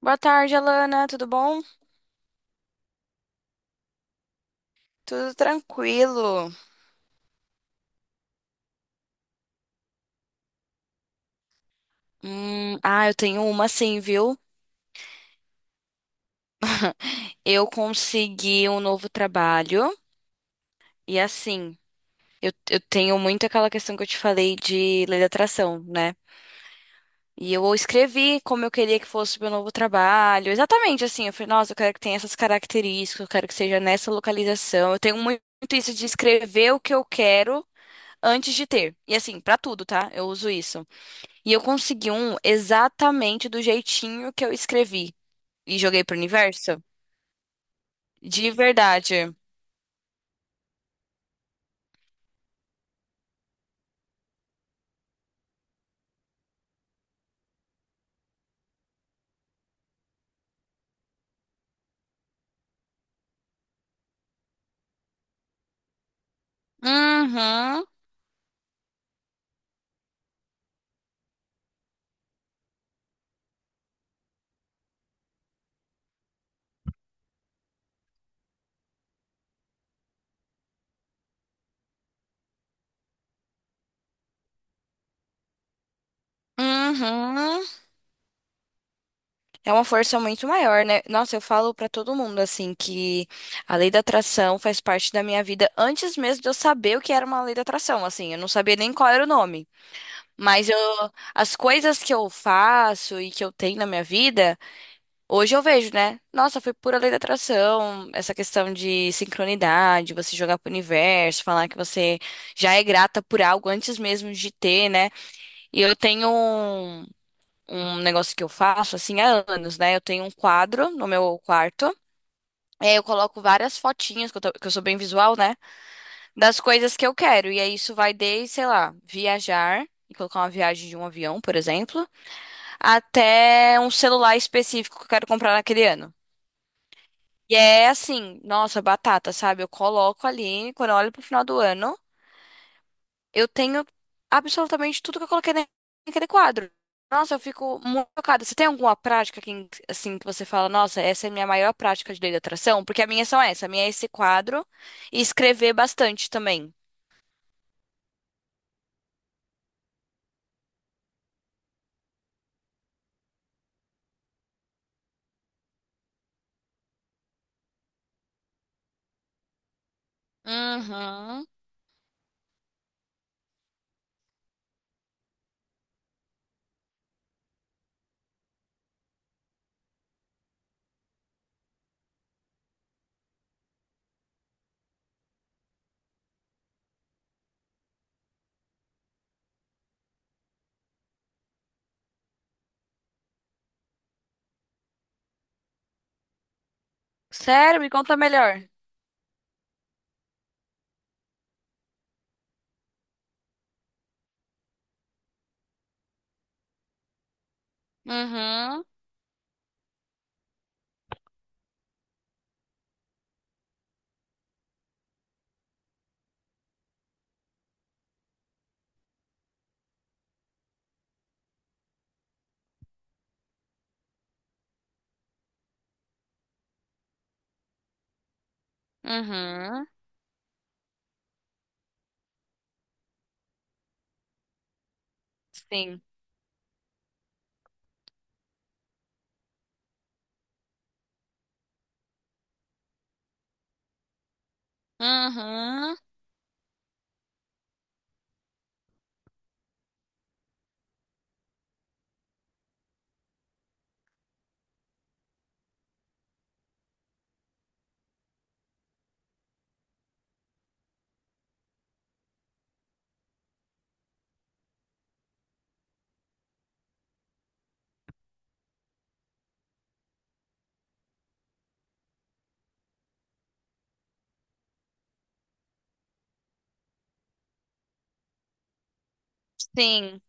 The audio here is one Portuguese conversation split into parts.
Boa tarde, Alana. Tudo bom? Tudo tranquilo. Ah, eu tenho uma sim, viu? Eu consegui um novo trabalho e assim, eu tenho muito aquela questão que eu te falei de lei da atração, né? E eu escrevi como eu queria que fosse o meu novo trabalho. Exatamente assim, eu falei, nossa, eu quero que tenha essas características, eu quero que seja nessa localização. Eu tenho muito isso de escrever o que eu quero antes de ter. E assim, pra tudo, tá? Eu uso isso. E eu consegui um exatamente do jeitinho que eu escrevi e joguei pro universo. De verdade. Uhum. Uhum. É uma força muito maior, né? Nossa, eu falo pra todo mundo assim que a lei da atração faz parte da minha vida antes mesmo de eu saber o que era uma lei da atração, assim, eu não sabia nem qual era o nome. Mas eu, as coisas que eu faço e que eu tenho na minha vida hoje eu vejo, né? Nossa, foi pura lei da atração, essa questão de sincronidade, você jogar pro universo, falar que você já é grata por algo antes mesmo de ter, né? E eu tenho um negócio que eu faço, assim, há anos, né? Eu tenho um quadro no meu quarto. É, eu coloco várias fotinhas, que eu sou bem visual, né? Das coisas que eu quero. E aí isso vai desde, sei lá, viajar, e colocar uma viagem de um avião, por exemplo, até um celular específico que eu quero comprar naquele ano. E é assim, nossa, batata, sabe? Eu coloco ali, quando eu olho pro final do ano, eu tenho absolutamente tudo que eu coloquei naquele quadro. Nossa, eu fico muito chocada. Você tem alguma prática que, assim, que você fala, nossa, essa é a minha maior prática de lei da atração? Porque a minha são essa, a minha é esse quadro e escrever bastante também. Uhum. Sério? Me conta melhor. Uhum. Uhum. Sim. Uhum. Sim.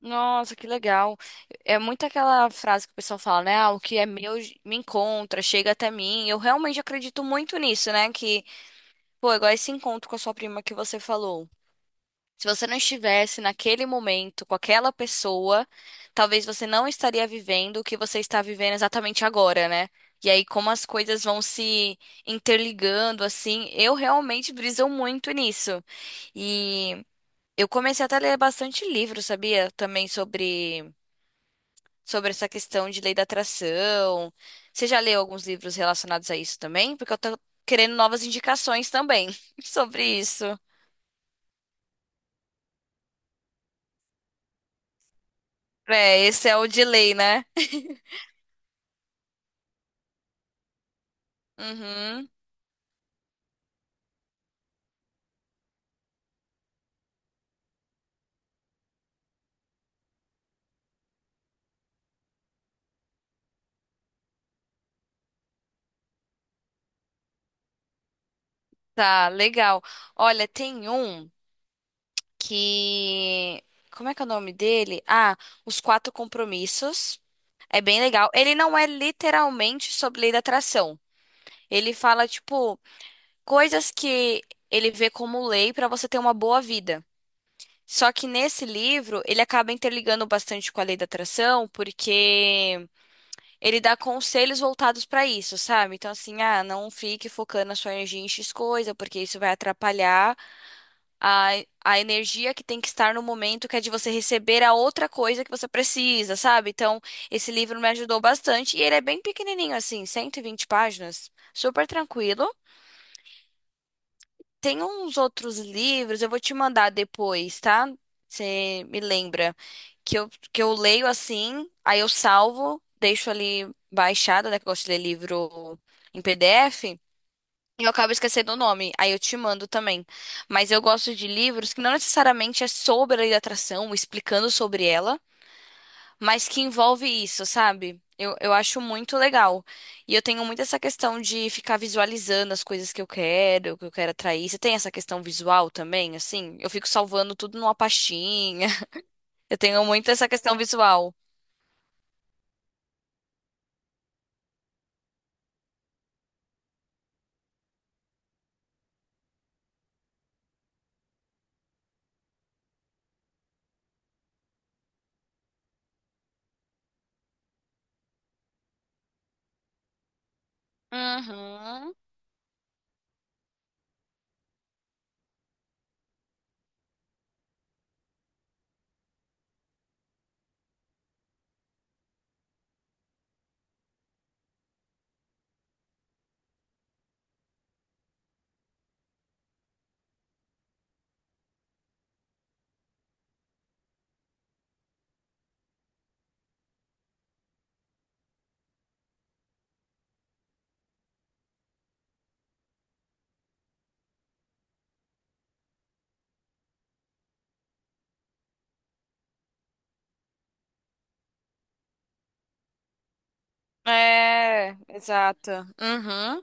Nossa, que legal. É muito aquela frase que o pessoal fala, né? Ah, o que é meu me encontra, chega até mim. Eu realmente acredito muito nisso, né? Que, pô, é igual esse encontro com a sua prima que você falou. Se você não estivesse naquele momento com aquela pessoa, talvez você não estaria vivendo o que você está vivendo exatamente agora, né? E aí, como as coisas vão se interligando, assim, eu realmente briso muito nisso. E eu comecei até a ler bastante livro, sabia? Também sobre essa questão de lei da atração. Você já leu alguns livros relacionados a isso também? Porque eu tô querendo novas indicações também sobre isso. É, esse é o de lei, né? Uhum. Tá, legal. Olha, tem um que. Como é que é o nome dele? Ah, Os Quatro Compromissos. É bem legal. Ele não é literalmente sobre lei da atração. Ele fala, tipo, coisas que ele vê como lei pra você ter uma boa vida. Só que nesse livro, ele acaba interligando bastante com a lei da atração, porque ele dá conselhos voltados para isso, sabe? Então, assim, ah, não fique focando a sua energia em X coisa, porque isso vai atrapalhar a, a energia que tem que estar no momento, que é de você receber a outra coisa que você precisa, sabe? Então, esse livro me ajudou bastante e ele é bem pequenininho, assim, 120 páginas, super tranquilo. Tem uns outros livros, eu vou te mandar depois, tá? Você me lembra que eu leio assim, aí eu salvo, deixo ali baixado, né? Que eu gosto de ler livro em PDF, e eu acabo esquecendo o nome, aí eu te mando também. Mas eu gosto de livros que não necessariamente é sobre a lei da atração, explicando sobre ela, mas que envolve isso, sabe? Eu acho muito legal. E eu tenho muito essa questão de ficar visualizando as coisas que eu quero, o que eu quero atrair. Você tem essa questão visual também, assim? Eu fico salvando tudo numa pastinha. Eu tenho muito essa questão visual. Uhum. É, exato. Uhum.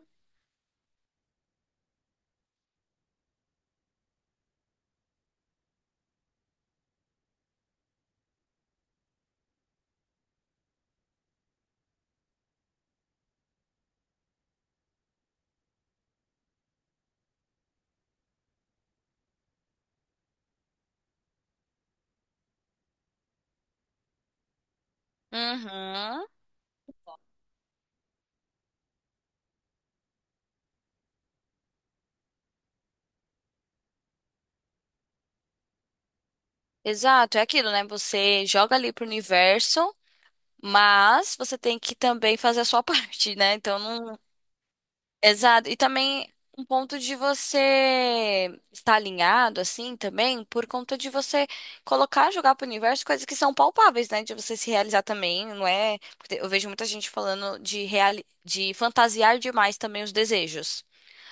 Uhum. Exato, é aquilo, né? Você joga ali pro universo, mas você tem que também fazer a sua parte, né? Então não. Exato. E também um ponto de você estar alinhado, assim, também, por conta de você colocar, jogar pro universo coisas que são palpáveis, né? De você se realizar também, não é? Porque eu vejo muita gente falando de fantasiar demais também os desejos.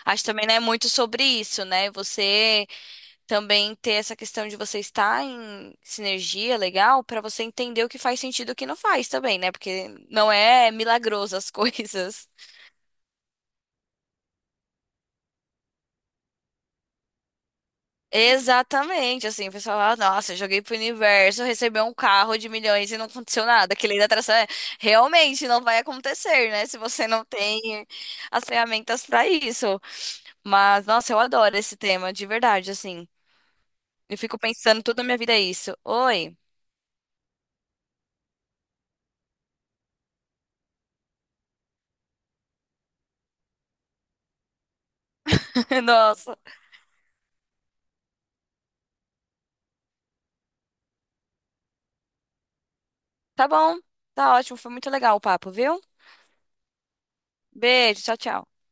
Acho que também né muito sobre isso, né? Você também ter essa questão de você estar em sinergia legal pra você entender o que faz sentido e o que não faz também, né? Porque não é milagroso as coisas. Exatamente, assim, o pessoal fala, nossa, eu joguei pro universo, recebeu um carro de milhões e não aconteceu nada. Que lei da atração é, realmente não vai acontecer, né? Se você não tem as ferramentas pra isso. Mas, nossa, eu adoro esse tema, de verdade, assim. Eu fico pensando, toda a minha vida é isso. Oi, nossa. Tá bom, tá ótimo, foi muito legal o papo, viu? Beijo, tchau, tchau.